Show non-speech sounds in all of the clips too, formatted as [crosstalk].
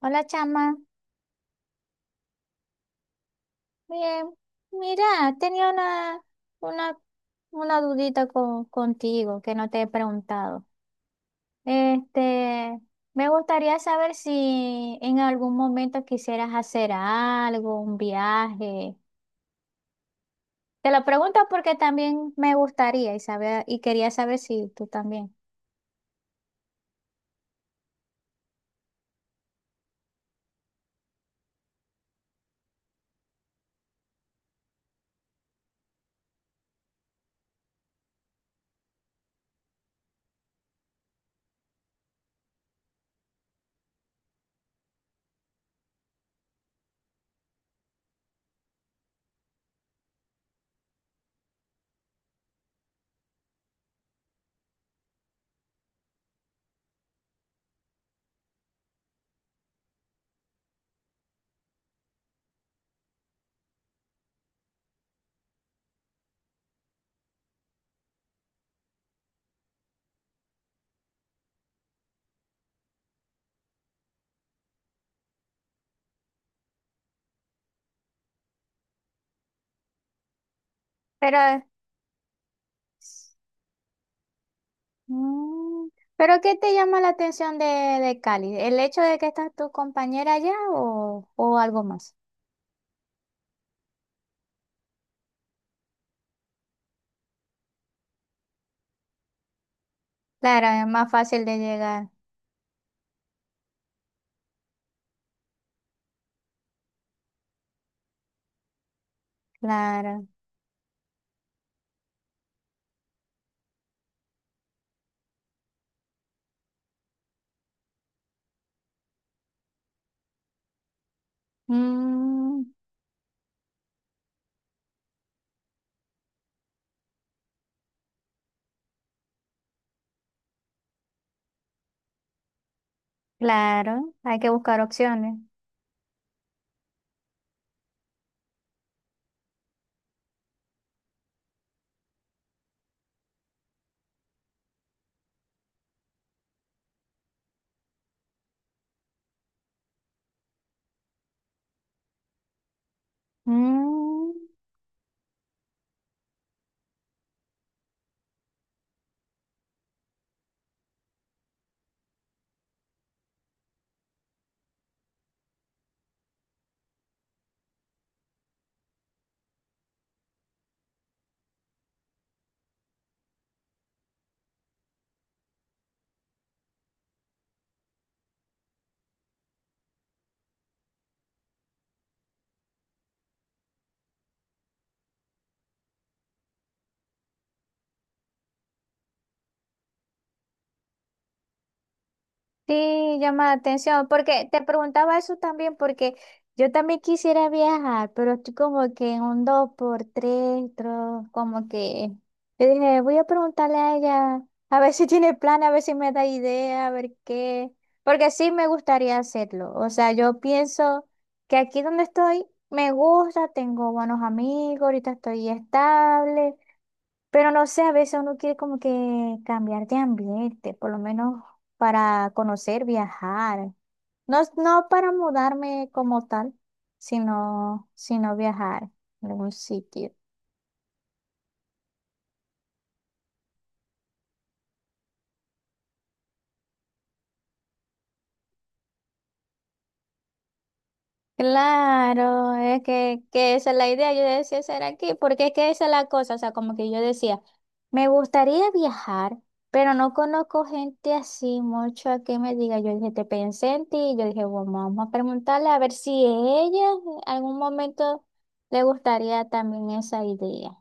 Hola, chama. Bien, mira, tenía una, una dudita contigo que no te he preguntado. Este, me gustaría saber si en algún momento quisieras hacer algo, un viaje. Te lo pregunto porque también me gustaría y saber, y quería saber si tú también. Pero, mm, ¿pero qué te llama la atención de Cali? ¿El hecho de que estás tu compañera allá o algo más? Claro, es más fácil de llegar. Claro. Mm. Claro, hay que buscar opciones. Mm. Sí, llama la atención, porque te preguntaba eso también, porque yo también quisiera viajar, pero estoy como que en un dos por tres, como que yo dije, voy a preguntarle a ella, a ver si tiene plan, a ver si me da idea, a ver qué, porque sí me gustaría hacerlo, o sea, yo pienso que aquí donde estoy me gusta, tengo buenos amigos, ahorita estoy estable, pero no sé, a veces uno quiere como que cambiar de ambiente, por lo menos para conocer, viajar. No, no para mudarme como tal, sino viajar en algún sitio. Claro, es que esa es la idea, yo decía ser aquí, porque es que esa es la cosa, o sea, como que yo decía, me gustaría viajar, pero no conozco gente así mucho a que me diga, yo dije, te pensé en ti, yo dije, bueno, vamos a preguntarle a ver si ella en algún momento le gustaría también esa idea.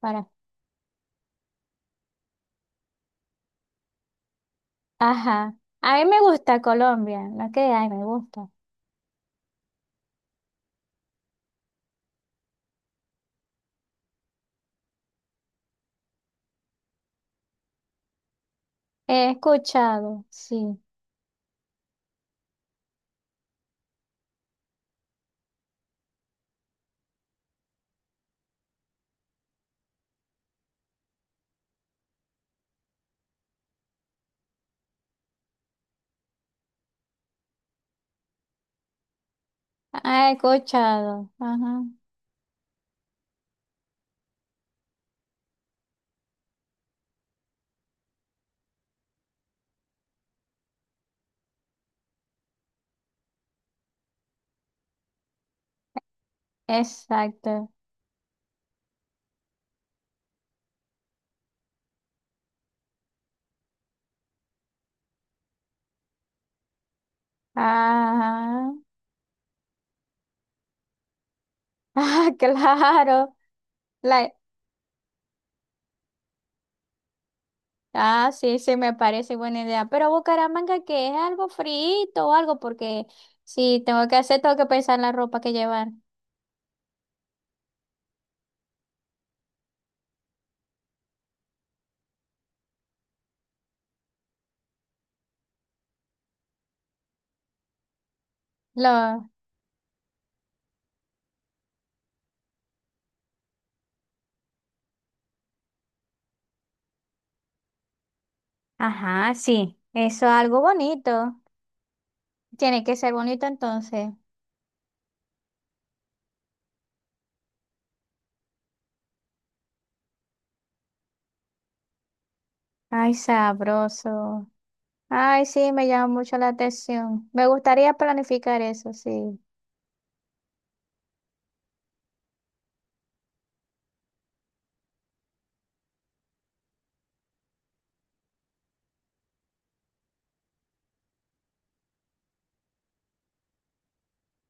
Para... Ajá, a mí me gusta Colombia, no que, ay, me gusta. He escuchado, sí, he escuchado, ajá, exacto. Ah, ah, [laughs] claro. La, ah, sí, sí, me parece buena idea. Pero Bucaramanga, que es algo frito o algo, porque si tengo que hacer, tengo que pensar en la ropa que llevar. Lo, ajá, sí, eso es algo bonito. Tiene que ser bonito entonces. Ay, sabroso. Ay, sí, me llama mucho la atención. Me gustaría planificar eso, sí.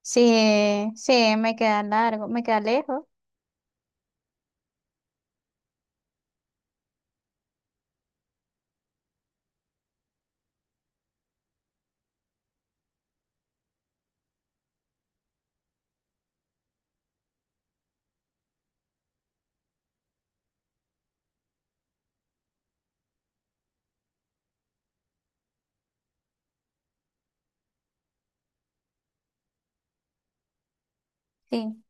Sí, sí, me queda largo, me queda lejos. Sí.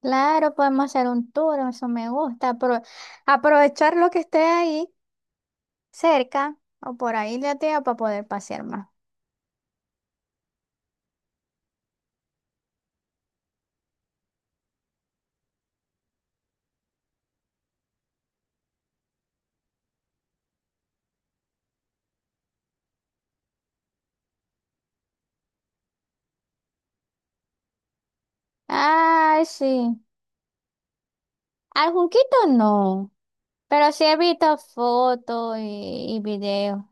Claro, podemos hacer un tour, eso me gusta. Aprovechar lo que esté ahí cerca o por ahí la tía para poder pasear más. Ay, sí. Al Junquito no, pero sí he visto fotos y videos.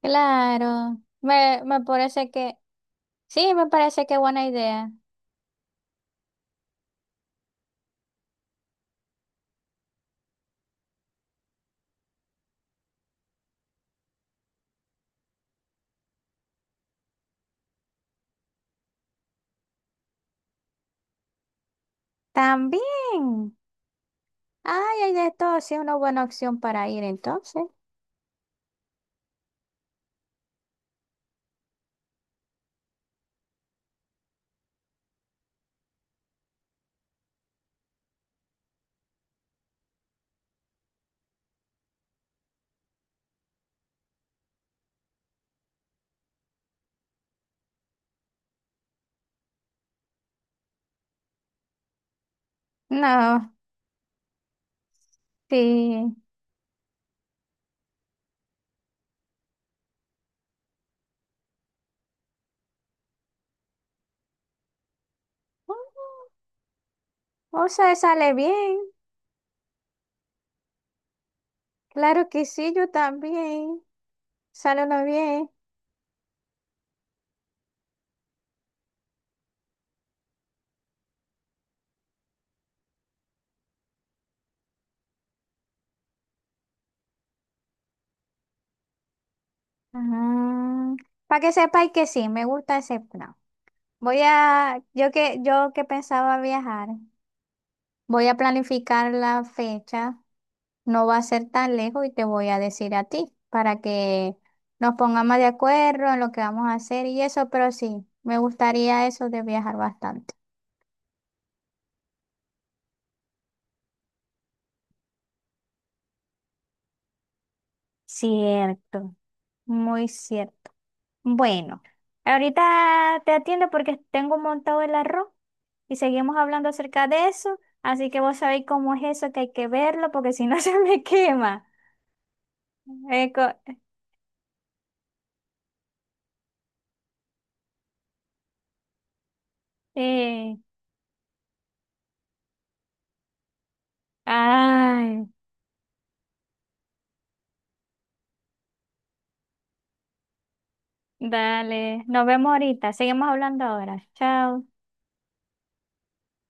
Claro, me parece que, sí, me parece que buena idea. También. Ay, hay de todo, sí, una buena opción para ir entonces. No, sí. Mm, o sea, sale bien. Claro que sí, yo también. Saludos bien. Para que sepáis que sí, me gusta ese plan. Voy a, yo que pensaba viajar, voy a planificar la fecha. No va a ser tan lejos y te voy a decir a ti para que nos pongamos de acuerdo en lo que vamos a hacer y eso, pero sí, me gustaría eso de viajar bastante. Cierto, muy cierto. Bueno, ahorita te atiendo porque tengo montado el arroz y seguimos hablando acerca de eso, así que vos sabéis cómo es eso, que hay que verlo porque si no [laughs] se me quema. Eh, co- eh, ay, dale, nos vemos ahorita, seguimos hablando ahora. Chao.